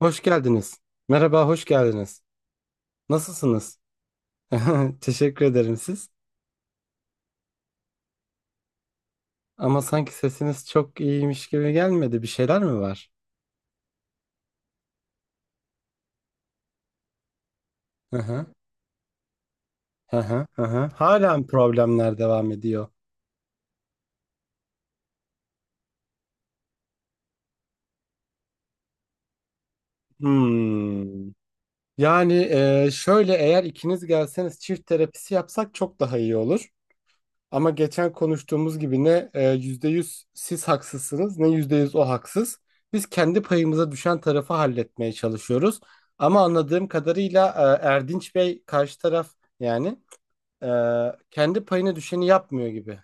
Hoş geldiniz. Merhaba, hoş geldiniz. Nasılsınız? Teşekkür ederim siz. Ama sanki sesiniz çok iyiymiş gibi gelmedi. Bir şeyler mi var? Hı hı. Hı hı. Hı hı. Halen problemler devam ediyor. Hmm. Yani şöyle eğer ikiniz gelseniz çift terapisi yapsak çok daha iyi olur. Ama geçen konuştuğumuz gibi ne %100 siz haksızsınız ne %100 o haksız. Biz kendi payımıza düşen tarafı halletmeye çalışıyoruz. Ama anladığım kadarıyla Erdinç Bey karşı taraf yani e, kendi payına düşeni yapmıyor gibi.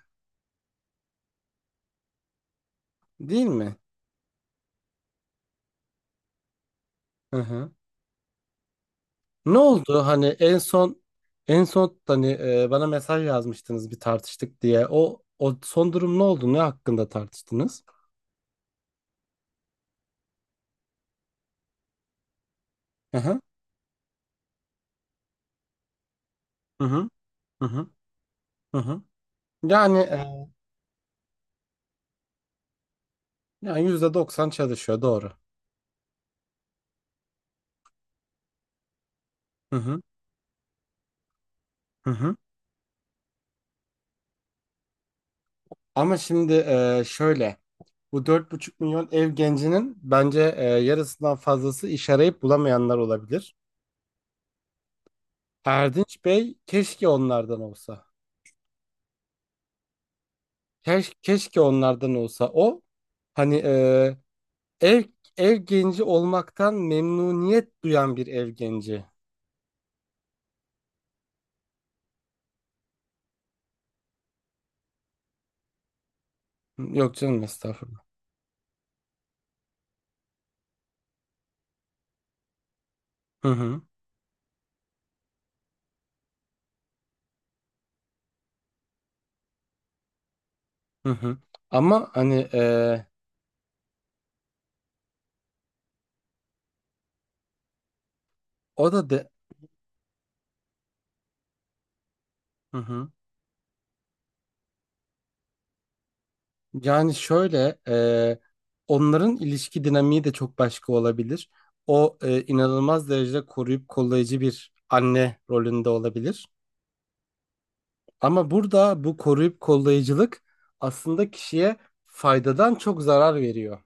Değil mi? Hı hı. Ne oldu hani en son hani bana mesaj yazmıştınız bir tartıştık diye. O son durum ne oldu? Ne hakkında tartıştınız? Hı hı. Hı hı. Hı hı. Hı hı. Yani e, Yani %90 çalışıyor doğru. Hı hı. Hı hı. Ama şimdi şöyle bu 4,5 milyon ev gencinin bence yarısından fazlası iş arayıp bulamayanlar olabilir. Erdinç Bey keşke onlardan olsa. Keşke onlardan olsa. O hani ev ev genci olmaktan memnuniyet duyan bir ev genci. Yok canım estağfurullah. Hı hı. Hı hı. Ama hani o da de. Hı hı. Yani şöyle, onların ilişki dinamiği de çok başka olabilir. O inanılmaz derecede koruyup kollayıcı bir anne rolünde olabilir. Ama burada bu koruyup kollayıcılık aslında kişiye faydadan çok zarar veriyor.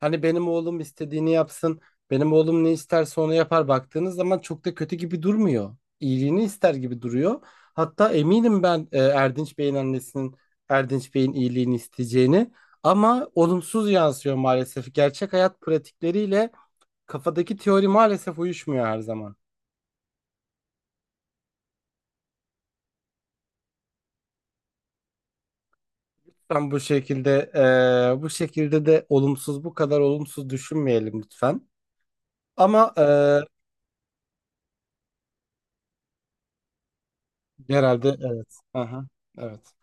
Hani benim oğlum istediğini yapsın, benim oğlum ne isterse onu yapar, baktığınız zaman çok da kötü gibi durmuyor. İyiliğini ister gibi duruyor. Hatta eminim ben Erdinç Bey'in annesinin Erdinç Bey'in iyiliğini isteyeceğini, ama olumsuz yansıyor maalesef. Gerçek hayat pratikleriyle kafadaki teori maalesef uyuşmuyor her zaman. Ben bu şekilde de bu kadar olumsuz düşünmeyelim lütfen. Ama herhalde evet. Aha, evet.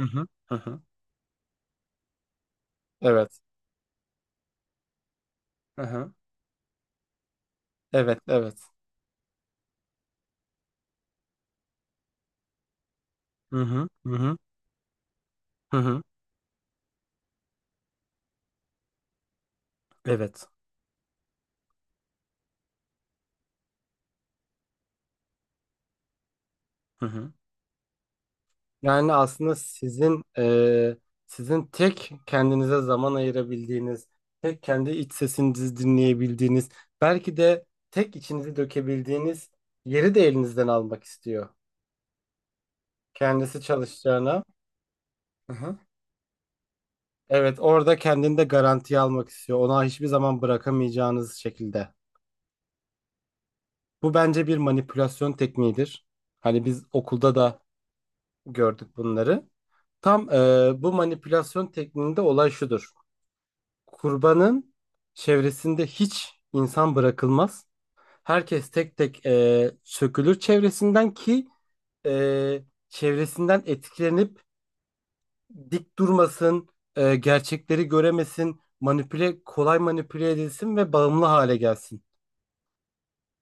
Hı hı. Hı hı. Evet. Aha. Evet, evet. Hı hı, hı hı, hı hı. Evet. Hı hı. Yani aslında sizin tek kendinize zaman ayırabildiğiniz, tek kendi iç sesinizi dinleyebildiğiniz, belki de tek içinizi dökebildiğiniz yeri de elinizden almak istiyor. Kendisi çalışacağına. Aha. Evet, orada kendini de garantiye almak istiyor. Ona hiçbir zaman bırakamayacağınız şekilde. Bu bence bir manipülasyon tekniğidir. Hani biz okulda da gördük bunları. Tam bu manipülasyon tekniğinde olay şudur. Kurbanın çevresinde hiç insan bırakılmaz. Herkes tek tek sökülür çevresinden ki e, çevresinden etkilenip dik durmasın, gerçekleri göremesin, kolay manipüle edilsin ve bağımlı hale gelsin.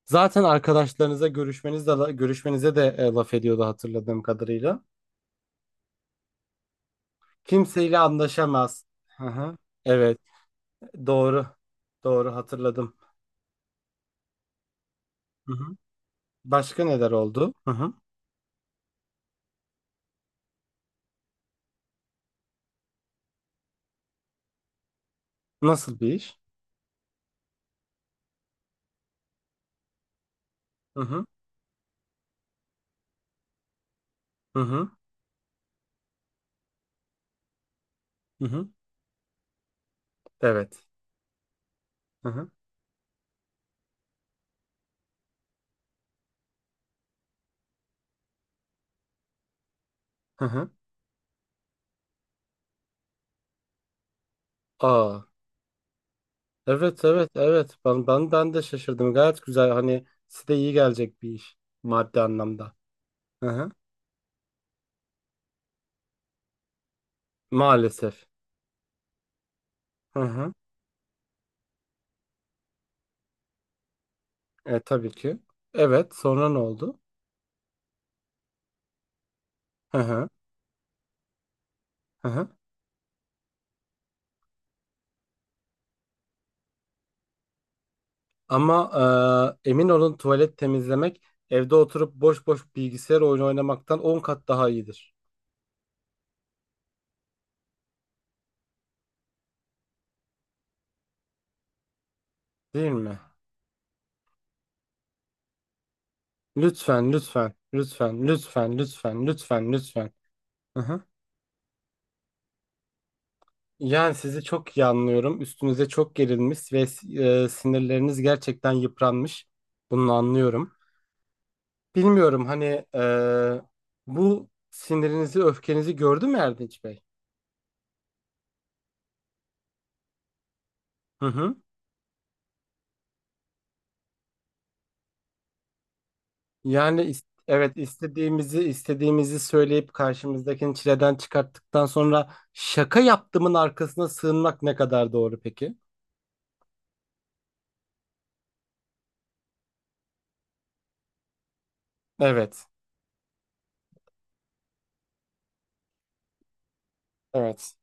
Zaten arkadaşlarınıza görüşmeniz de, görüşmenize de laf ediyordu hatırladığım kadarıyla. Kimseyle anlaşamaz. Hı hı. Evet. Doğru. Doğru hatırladım. Hı hı. Başka neler oldu? Hı hı. Nasıl bir iş? Hı hı. Hı hı. Hı hı. Evet. Hı hı. Hı hı. Aa. Evet, evet, evet. Ben de şaşırdım. Gayet güzel. Hani size iyi gelecek bir iş, maddi anlamda. Hı hı. Maalesef. Hı hı. E tabii ki. Evet. Sonra ne oldu? Hı hı. Hı hı. Ama emin olun, tuvalet temizlemek evde oturup boş boş bilgisayar oyunu oynamaktan 10 kat daha iyidir. Değil mi? Lütfen, lütfen, lütfen, lütfen, lütfen, lütfen, lütfen. Hı. Hı. Yani sizi çok iyi anlıyorum. Üstünüze çok gerilmiş ve sinirleriniz gerçekten yıpranmış. Bunu anlıyorum. Bilmiyorum hani bu sinirinizi, öfkenizi gördü mü Erdinç Bey? Hı hı. Yani, evet, istediğimizi söyleyip karşımızdakini çileden çıkarttıktan sonra şaka yaptığımın arkasına sığınmak ne kadar doğru peki? Evet, evet.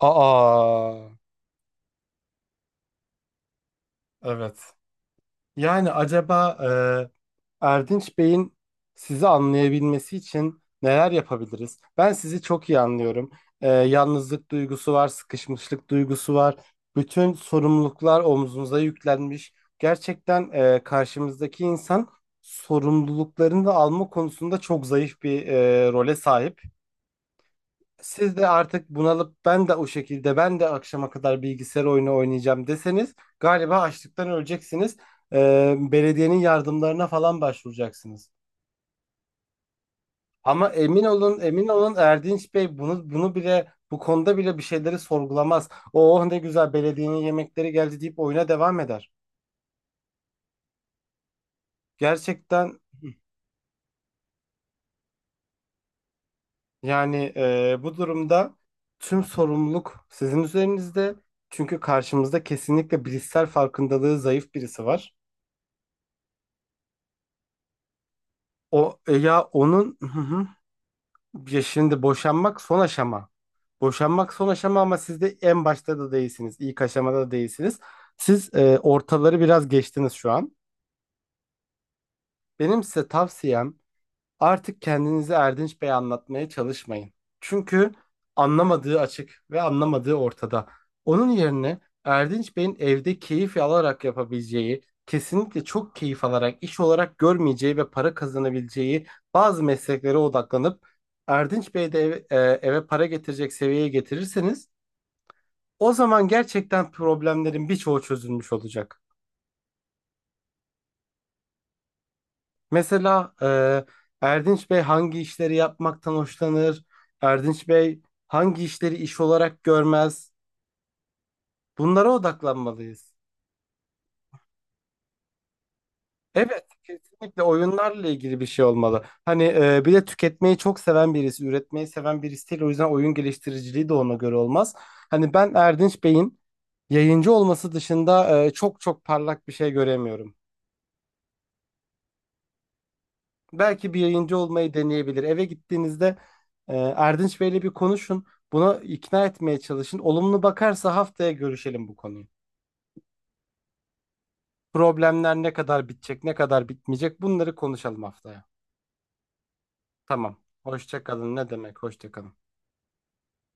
Aa. Evet. Yani acaba Erdinç Bey'in sizi anlayabilmesi için neler yapabiliriz? Ben sizi çok iyi anlıyorum. Yalnızlık duygusu var, sıkışmışlık duygusu var. Bütün sorumluluklar omzunuza yüklenmiş. Gerçekten karşımızdaki insan sorumluluklarını da alma konusunda çok zayıf bir role sahip. Siz de artık bunalıp ben de akşama kadar bilgisayar oyunu oynayacağım deseniz galiba açlıktan öleceksiniz. Belediyenin yardımlarına falan başvuracaksınız. Ama emin olun Erdinç Bey bunu bile bu konuda bile bir şeyleri sorgulamaz. Oh ne güzel, belediyenin yemekleri geldi deyip oyuna devam eder. Gerçekten yani bu durumda tüm sorumluluk sizin üzerinizde. Çünkü karşımızda kesinlikle bilişsel farkındalığı zayıf birisi var. O ya onun. Hı hı. Ya şimdi boşanmak son aşama. Boşanmak son aşama ama siz de en başta da değilsiniz. İlk aşamada da değilsiniz. Siz ortaları biraz geçtiniz şu an. Benim size tavsiyem, artık kendinizi Erdinç Bey'e anlatmaya çalışmayın. Çünkü anlamadığı açık ve anlamadığı ortada. Onun yerine Erdinç Bey'in evde keyif alarak yapabileceği, kesinlikle çok keyif alarak, iş olarak görmeyeceği ve para kazanabileceği bazı mesleklere odaklanıp Erdinç Bey de eve para getirecek seviyeye getirirseniz o zaman gerçekten problemlerin birçoğu çözülmüş olacak. Mesela Erdinç Bey hangi işleri yapmaktan hoşlanır? Erdinç Bey hangi işleri iş olarak görmez? Bunlara odaklanmalıyız. Evet, kesinlikle oyunlarla ilgili bir şey olmalı. Hani bir de tüketmeyi çok seven birisi, üretmeyi seven birisi değil. O yüzden oyun geliştiriciliği de ona göre olmaz. Hani ben Erdinç Bey'in yayıncı olması dışında çok çok parlak bir şey göremiyorum. Belki bir yayıncı olmayı deneyebilir. Eve gittiğinizde Erdinç Bey'le bir konuşun. Buna ikna etmeye çalışın. Olumlu bakarsa haftaya görüşelim bu konuyu. Problemler ne kadar bitecek, ne kadar bitmeyecek bunları konuşalım haftaya. Tamam. Hoşça kalın. Ne demek? Hoşça kalın.